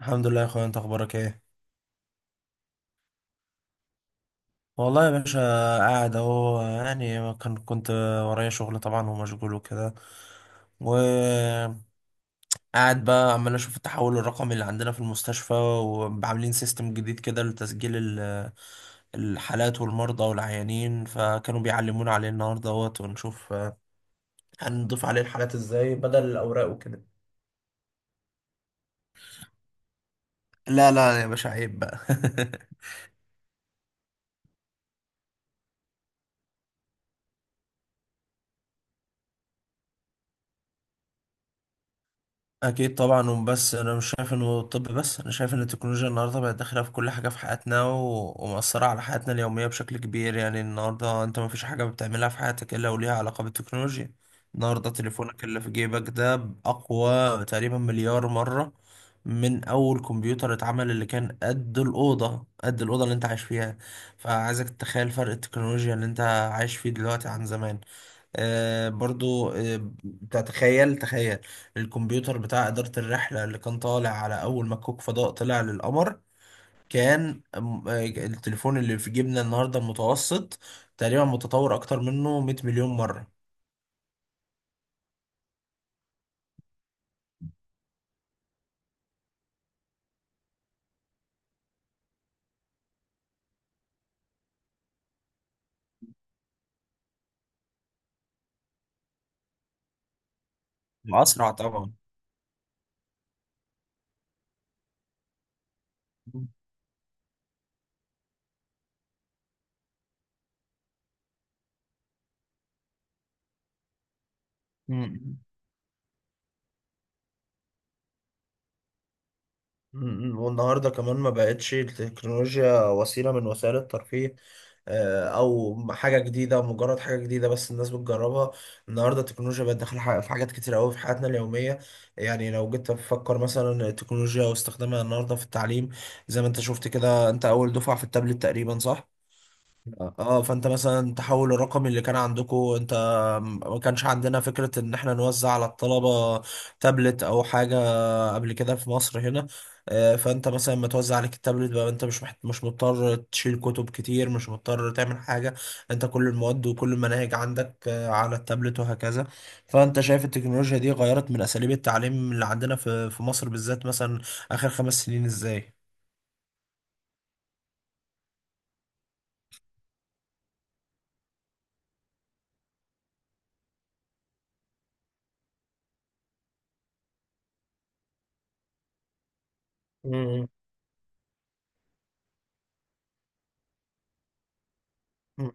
الحمد لله يا اخويا، انت اخبارك ايه؟ والله يا باشا. قاعد اهو، يعني كنت ورايا شغل طبعا ومشغول وكده وقاعد. بقى عمال اشوف التحول الرقمي اللي عندنا في المستشفى، وعاملين سيستم جديد كده لتسجيل الحالات والمرضى والعيانين، فكانوا بيعلمونا عليه النهارده اهوت ونشوف هنضيف عليه الحالات ازاي بدل الاوراق وكده. لا، لا يا باشا، عيب بقى. اكيد طبعا. وبس انا مش شايف انه الطب بس، انا شايف ان التكنولوجيا النهارده بقت داخله في كل حاجه في حياتنا، ومأثره على حياتنا اليوميه بشكل كبير. يعني النهارده انت ما فيش حاجه بتعملها في حياتك الا وليها علاقه بالتكنولوجيا. النهارده تليفونك اللي في جيبك ده اقوى تقريبا مليار مره من اول كمبيوتر اتعمل، اللي كان قد الاوضه، قد الاوضه اللي انت عايش فيها. فعايزك تتخيل فرق التكنولوجيا اللي انت عايش فيه دلوقتي عن زمان. برضو، بتاع، تخيل تخيل الكمبيوتر بتاع إدارة الرحلة اللي كان طالع على أول ما كوك فضاء طلع للقمر. كان التليفون اللي في جيبنا النهاردة المتوسط تقريبا متطور أكتر منه 100 مليون مرة. وأسرع طبعا. مم. مم. والنهارده كمان ما بقتش التكنولوجيا وسيلة من وسائل الترفيه، او حاجة جديدة، مجرد حاجة جديدة بس الناس بتجربها. النهارده التكنولوجيا بقت داخلة في حاجات كتير قوي في حياتنا اليومية. يعني لو جيت تفكر مثلا التكنولوجيا واستخدامها النهارده في التعليم، زي ما انت شفت كده، انت اول دفعة في التابلت تقريبا، صح؟ آه. اه، فانت مثلا التحول الرقمي اللي كان عندكم انت، ما كانش عندنا فكرة ان احنا نوزع على الطلبة تابلت او حاجة قبل كده في مصر هنا. فانت مثلا لما توزع عليك التابلت بقى، انت مش مضطر تشيل كتب كتير، مش مضطر تعمل حاجة. انت كل المواد وكل المناهج عندك على التابلت وهكذا. فانت شايف التكنولوجيا دي غيرت من اساليب التعليم اللي عندنا في مصر بالذات، مثلا اخر 5 سنين، ازاي؟ مم. مم.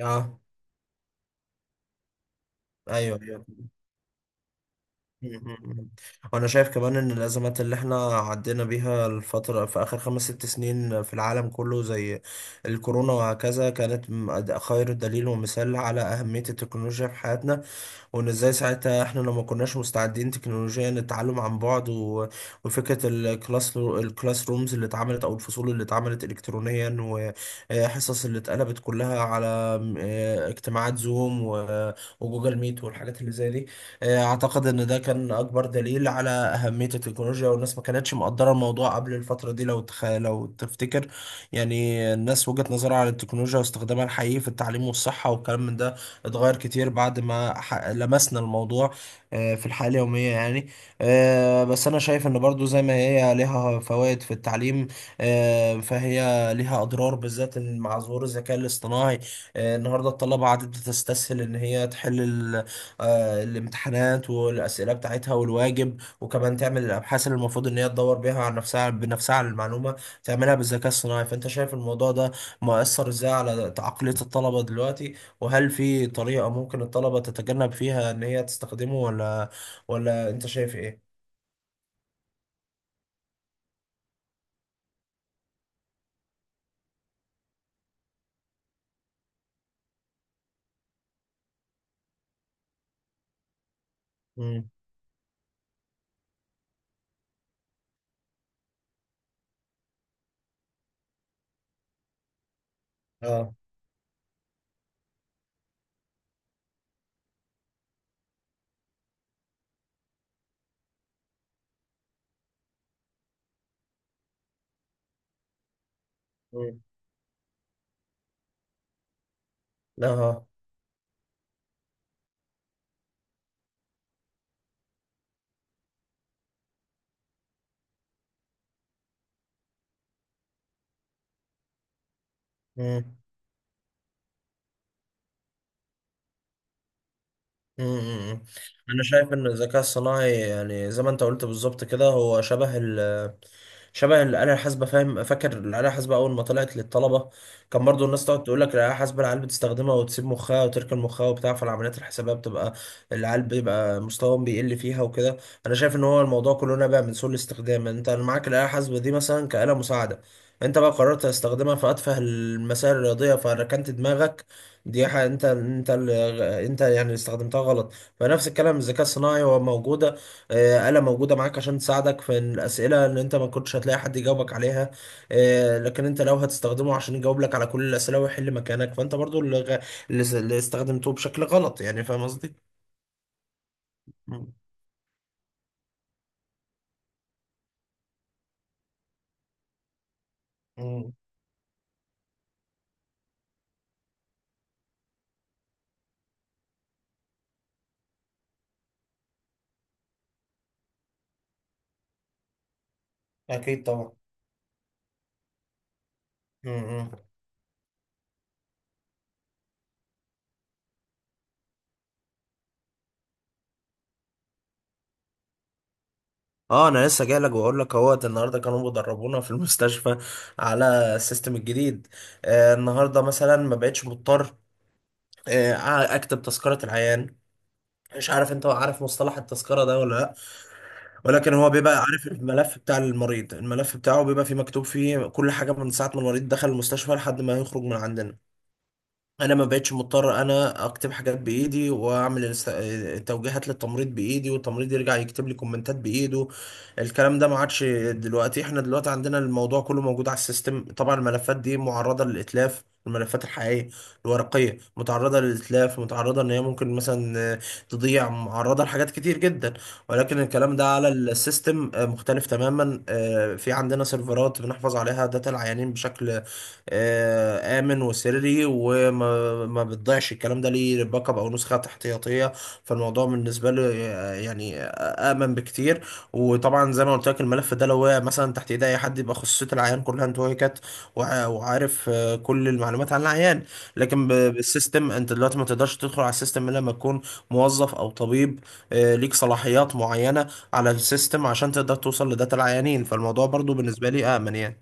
اه. ايوه، ايوه. مم. وانا شايف كمان ان الازمات اللي احنا عدينا بيها الفتره في اخر خمس ست سنين في العالم كله، زي الكورونا وهكذا، كانت خير دليل ومثال على اهميه التكنولوجيا في حياتنا، وان ازاي ساعتها احنا لو ما كناش مستعدين تكنولوجيا للتعلم عن بعد وفكرة الكلاس رومز اللي اتعملت او الفصول اللي اتعملت الكترونيا، وحصص اللي اتقلبت كلها على اجتماعات زوم و- وجوجل ميت والحاجات اللي زي دي. اعتقد ان ده كان اكبر دليل على اهمية التكنولوجيا، والناس ما كانتش مقدرة الموضوع قبل الفترة دي لو تفتكر. يعني الناس وجهة نظرها عن التكنولوجيا واستخدامها الحقيقي في التعليم والصحة والكلام من ده اتغير كتير بعد ما لمسنا الموضوع في الحياة اليومية يعني. بس أنا شايف إن برضو زي ما هي ليها فوائد في التعليم، فهي ليها أضرار، بالذات إن مع ظهور الذكاء الاصطناعي. النهاردة الطلبة عادت بتستسهل إن هي تحل الامتحانات والأسئلة بتاعتها والواجب، وكمان تعمل الأبحاث اللي المفروض إن هي تدور بيها على نفسها بنفسها على المعلومة، تعملها بالذكاء الصناعي. فأنت شايف الموضوع ده مؤثر إزاي على عقلية الطلبة دلوقتي، وهل في طريقة ممكن الطلبة تتجنب فيها إن هي تستخدمه، ولا أنت شايف إيه؟ مم. اه. مم. لا. اه. مم. امم. انا شايف ان الذكاء الصناعي، يعني زي ما انت قلت بالظبط كده، هو شبه الآلة الحاسبة. فاهم؟ فاكر الآلة الحاسبة أول ما طلعت للطلبة، كان برضو الناس تقعد تقول لك الآلة الحاسبة العيال بتستخدمها وتسيب مخها وتركن مخها وبتاع، فالعمليات الحسابية بتبقى العيال بيبقى مستواهم بيقل فيها وكده. أنا شايف إن هو الموضوع كله نابع من سوء الاستخدام. يعني أنت معاك الآلة الحاسبة دي مثلا كآلة مساعدة، أنت بقى قررت تستخدمها في أتفه المسائل الرياضية فركنت دماغك. دي حاجة انت يعني اللي استخدمتها غلط. فنفس الكلام الذكاء الصناعي هو موجودة، آلة موجودة معاك عشان تساعدك في الأسئلة اللي انت ما كنتش هتلاقي حد يجاوبك عليها، لكن انت لو هتستخدمه عشان يجاوب لك على كل الأسئلة ويحل مكانك، فانت برضو اللي غ- اللي س- اللي استخدمته بشكل غلط. يعني فاهم قصدي؟ مم. مم. اكيد طبعا. مم. اه، انا لسه جاي لك واقول لك اهوت، النهارده كانوا بيدربونا في المستشفى على السيستم الجديد. النهارده مثلا ما بقتش مضطر اكتب تذكرة العيان. مش عارف انت عارف مصطلح التذكرة ده ولا لا؟ ولكن هو بيبقى عارف الملف بتاع المريض، الملف بتاعه بيبقى فيه مكتوب فيه كل حاجة من ساعة ما المريض دخل المستشفى لحد ما يخرج من عندنا. انا ما بقتش مضطر انا اكتب حاجات بايدي واعمل التوجيهات للتمريض بايدي، والتمريض يرجع يكتب لي كومنتات بايده. الكلام ده ما عادش. دلوقتي احنا دلوقتي عندنا الموضوع كله موجود على السيستم. طبعا الملفات دي معرضة للاتلاف، الملفات الحقيقية الورقية متعرضة للإتلاف، متعرضة إن هي ممكن مثلا تضيع، معرضة لحاجات كتير جدا. ولكن الكلام ده على السيستم مختلف تماما. في عندنا سيرفرات بنحفظ عليها داتا العيانين بشكل آمن وسري، وما ما بتضيعش، الكلام ده ليه باك اب أو نسخة احتياطية. فالموضوع بالنسبة له يعني آمن بكتير. وطبعا زي ما قلت لك، الملف ده لو وقع مثلا تحت إيد أي حد يبقى خصوصية العيان كلها انتهكت، وعارف كل المعلومات عن العيان. لكن بالسيستم أنت دلوقتي ما تقدرش تدخل على السيستم إلا لما تكون موظف أو طبيب، ليك صلاحيات معينة على السيستم عشان تقدر توصل لداتا العيانين. فالموضوع برضو بالنسبة لي آمن يعني.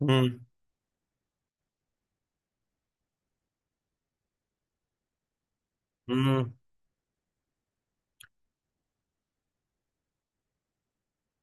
مم. مم.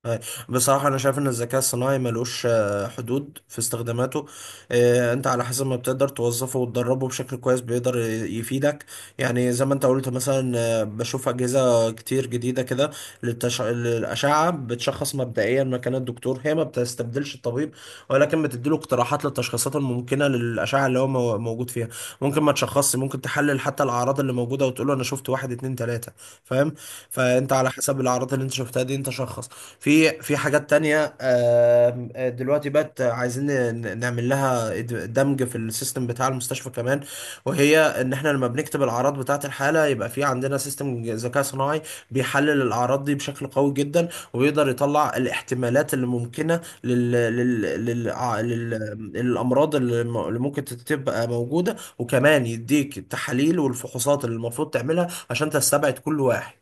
أي. بصراحة أنا شايف إن الذكاء الصناعي ملوش حدود في استخداماته. أنت على حسب ما بتقدر توظفه وتدربه بشكل كويس، بيقدر يفيدك. يعني زي ما أنت قلت مثلا، بشوف أجهزة كتير جديدة كده للأشعة بتشخص مبدئيا مكان الدكتور. هي ما بتستبدلش الطبيب، ولكن بتديله اقتراحات للتشخيصات الممكنة للأشعة اللي هو موجود فيها. ممكن ما تشخصش، ممكن تحلل حتى الأعراض اللي موجودة وتقوله أنا شفت واحد، اتنين، تلاتة، فاهم. فأنت على حسب الأعراض اللي أنت شفتها دي أنت شخص. في حاجات تانية، دلوقتي بقت عايزين نعمل لها دمج في السيستم بتاع المستشفى كمان. وهي ان احنا لما بنكتب الاعراض بتاعة الحالة، يبقى في عندنا سيستم ذكاء صناعي بيحلل الاعراض دي بشكل قوي جدا، وبيقدر يطلع الاحتمالات اللي ممكنة لل... للامراض اللي اللي ممكن تبقى موجودة، وكمان يديك التحاليل والفحوصات اللي المفروض تعملها عشان تستبعد كل واحد.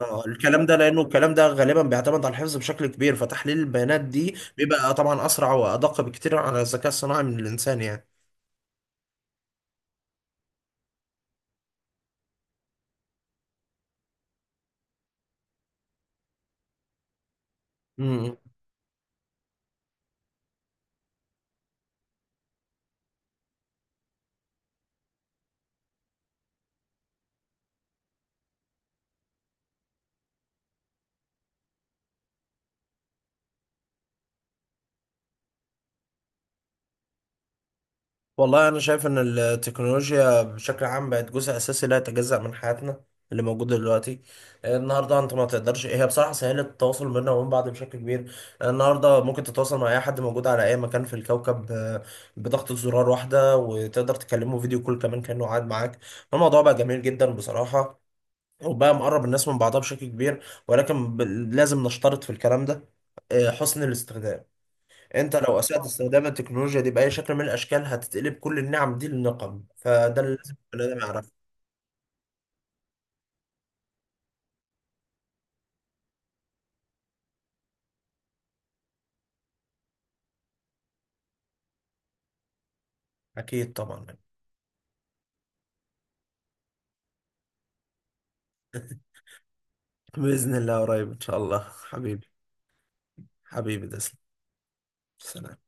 الكلام ده لانه الكلام ده غالبا بيعتمد على الحفظ بشكل كبير، فتحليل البيانات دي بيبقى طبعا اسرع وادق بكتير على الذكاء الصناعي من الانسان يعني. امم والله انا شايف ان التكنولوجيا بشكل عام بقت جزء اساسي لا يتجزأ من حياتنا اللي موجود دلوقتي. النهارده انت ما تقدرش، هي بصراحه سهلت التواصل بينا وبين بعض بشكل كبير. النهارده ممكن تتواصل مع اي حد موجود على اي مكان في الكوكب بضغطة زرار واحده، وتقدر تكلمه فيديو كول كمان كانه قاعد معاك. الموضوع بقى جميل جدا بصراحه، وبقى مقرب الناس من بعضها بشكل كبير، ولكن لازم نشترط في الكلام ده حسن الاستخدام. انت لو اسأت طبعا استخدام التكنولوجيا دي بأي شكل من الاشكال، هتتقلب كل النعم دي للنقم، فده اللي لازم البني آدم يعرفه. اكيد طبعا. بإذن الله قريب، إن شاء الله. حبيبي، حبيبي تسلم. سلام.